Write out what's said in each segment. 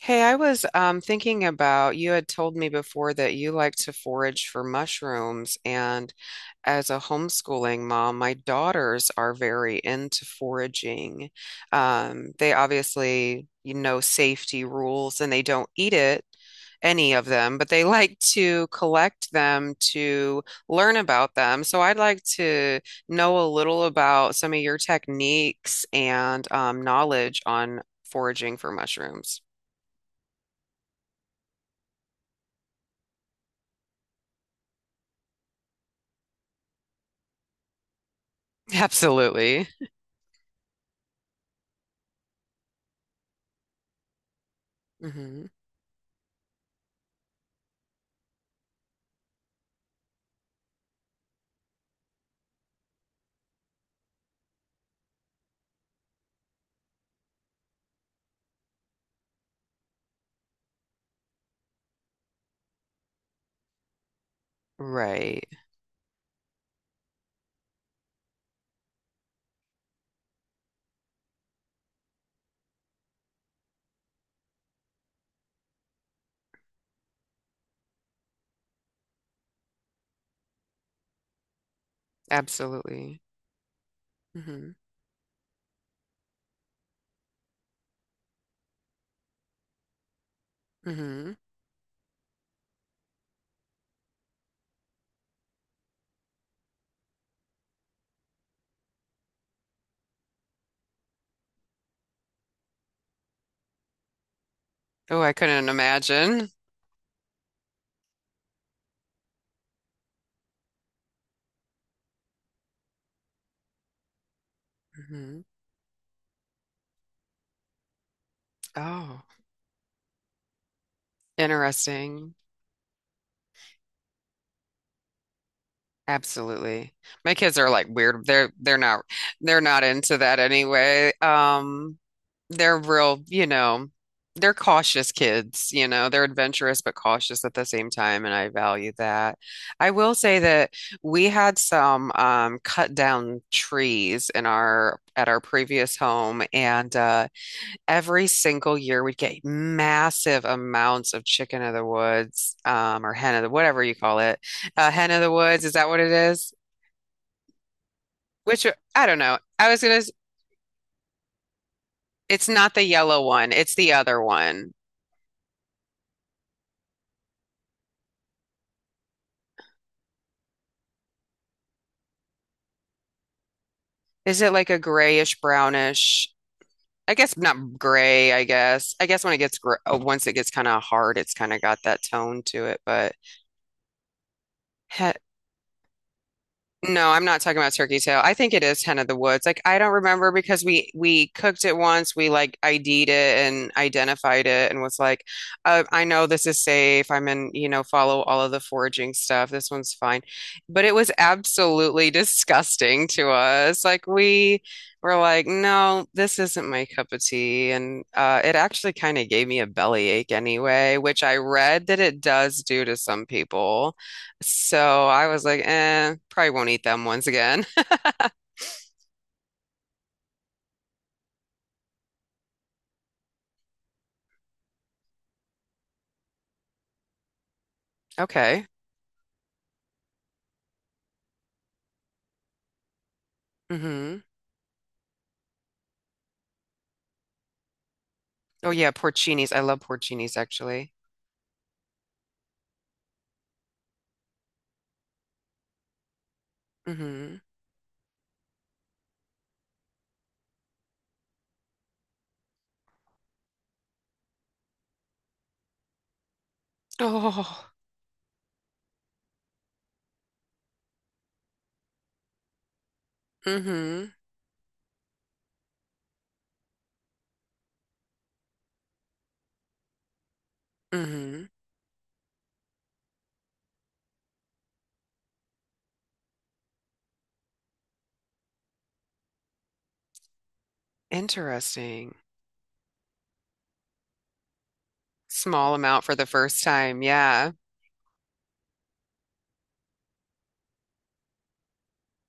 Hey, I was thinking about you had told me before that you like to forage for mushrooms, and as a homeschooling mom, my daughters are very into foraging. They obviously, you know, safety rules, and they don't eat it, any of them, but they like to collect them to learn about them. So I'd like to know a little about some of your techniques and knowledge on foraging for mushrooms. Absolutely. Hmm. Right. Absolutely. Hmm. Hmm. Oh, I couldn't imagine. Hmm. Oh, interesting. Absolutely. My kids are like weird. They're not into that anyway. They're real, you know, they're cautious kids, you know. They're adventurous but cautious at the same time, and I value that. I will say that we had some cut down trees in our at our previous home, and every single year we'd get massive amounts of chicken of the woods, or hen of the whatever you call it. Hen of the woods, is that what it is? Which I don't know. I was gonna, s- it's not the yellow one, it's the other one. Is it like a grayish brownish? I guess not gray, I guess. I guess when it gets gr once it gets kind of hard, it's kind of got that tone to it, but no, I'm not talking about turkey tail. I think it is hen of the woods. Like I don't remember because we cooked it once. We like ID'd it and identified it and was like, I know this is safe. I'm in, you know, follow all of the foraging stuff. This one's fine. But it was absolutely disgusting to us. Like we were like, no, this isn't my cup of tea. And it actually kind of gave me a bellyache anyway, which I read that it does do to some people. So I was like, eh, probably won't eat them once again. Okay. Hmm. Oh yeah, porcinis. I love porcinis actually. Hmm. Oh. Hmm. Hmm. Interesting. Small amount for the first time. Yeah.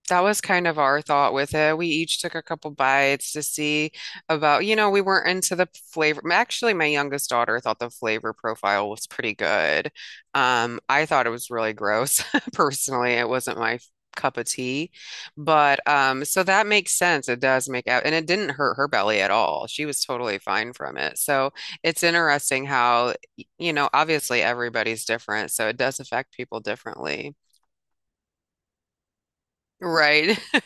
That was kind of our thought with it. We each took a couple bites to see about, you know, we weren't into the flavor. Actually, my youngest daughter thought the flavor profile was pretty good. I thought it was really gross. Personally, it wasn't my cup of tea. But so that makes sense. It does make out, and it didn't hurt her belly at all. She was totally fine from it. So it's interesting how, you know, obviously everybody's different, so it does affect people differently. Right.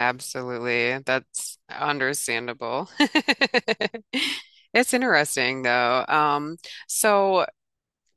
Absolutely. That's understandable. It's interesting though. So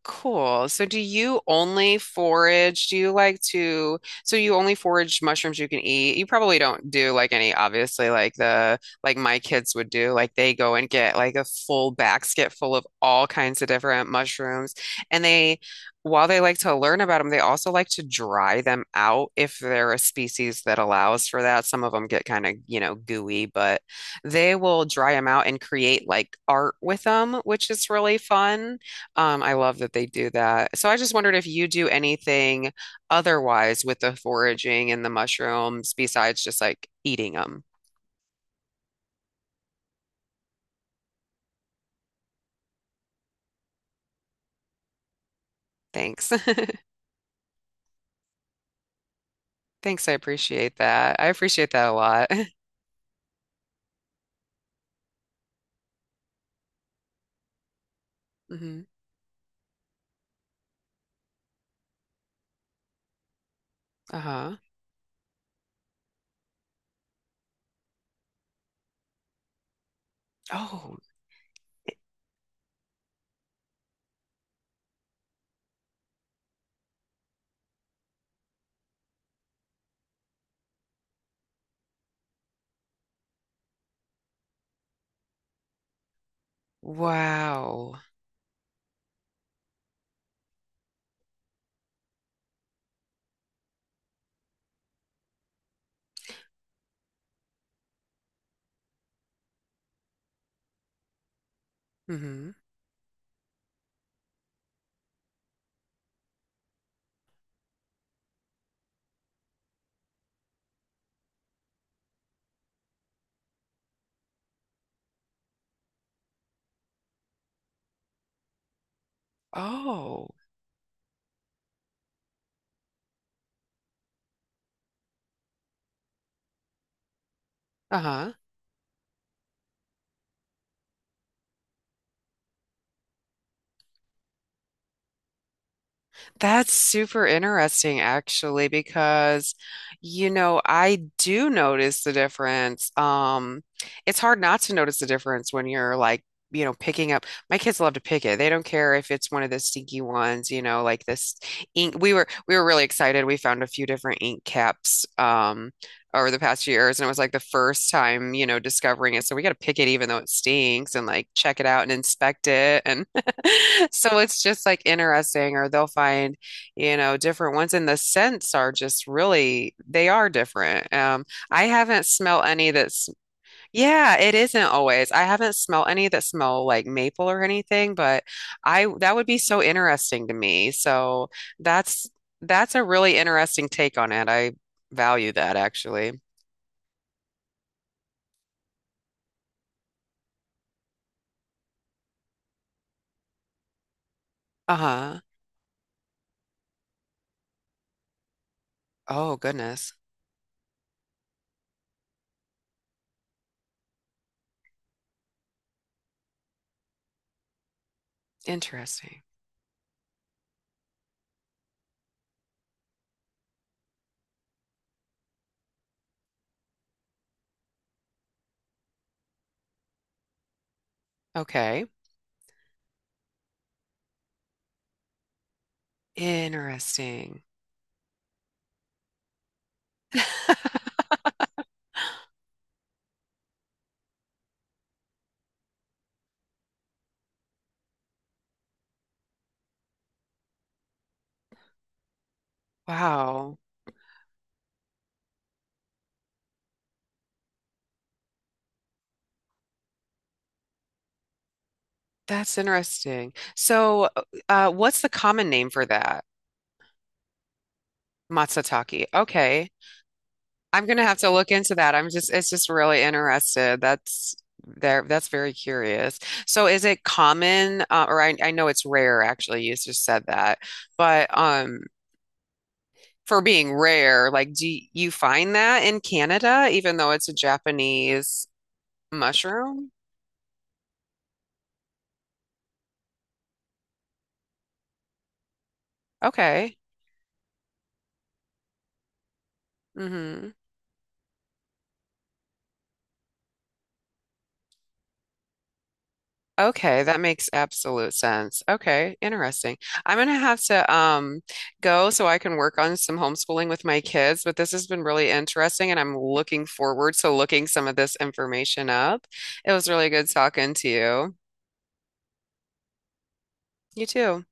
Cool. So do you only forage? Do you like to, so you only forage mushrooms you can eat? You probably don't do like any, obviously, like my kids would do. Like they go and get like a full basket full of all kinds of different mushrooms. And they, while they like to learn about them, they also like to dry them out if they're a species that allows for that. Some of them get kind of, you know, gooey, but they will dry them out and create like art with them, which is really fun. I love that they do that. So I just wondered if you do anything otherwise with the foraging and the mushrooms besides just like eating them. Thanks. Thanks. I appreciate that. I appreciate that a lot. Hmm. Uh-huh. Oh, wow. Hmm. Oh, uh-huh. That's super interesting, actually, because, you know, I do notice the difference. It's hard not to notice the difference when you're like, you know, picking up. My kids love to pick it. They don't care if it's one of the stinky ones, you know, like this ink. We were really excited. We found a few different ink caps over the past few years, and it was like the first time, you know, discovering it. So we got to pick it even though it stinks and like check it out and inspect it. So it's just like interesting, or they'll find, you know, different ones. And the scents are just really, they are different. I haven't smelled any that's, yeah, it isn't always. I haven't smelled any that smell like maple or anything, but I, that would be so interesting to me. That's, that's a really interesting take on it. I value that actually. Uh-huh. Oh, goodness. Interesting. Okay. Interesting. Wow. That's interesting. So, what's the common name for that? Matsutake. Okay. I'm gonna have to look into that. It's just really interested. That's there. That's very curious. So, is it common, or I know it's rare actually. You just said that, but for being rare, like, do you find that in Canada, even though it's a Japanese mushroom? Okay. Mm-hmm. Okay, that makes absolute sense. Okay, interesting. I'm gonna have to go so I can work on some homeschooling with my kids, but this has been really interesting and I'm looking forward to looking some of this information up. It was really good talking to you. You too.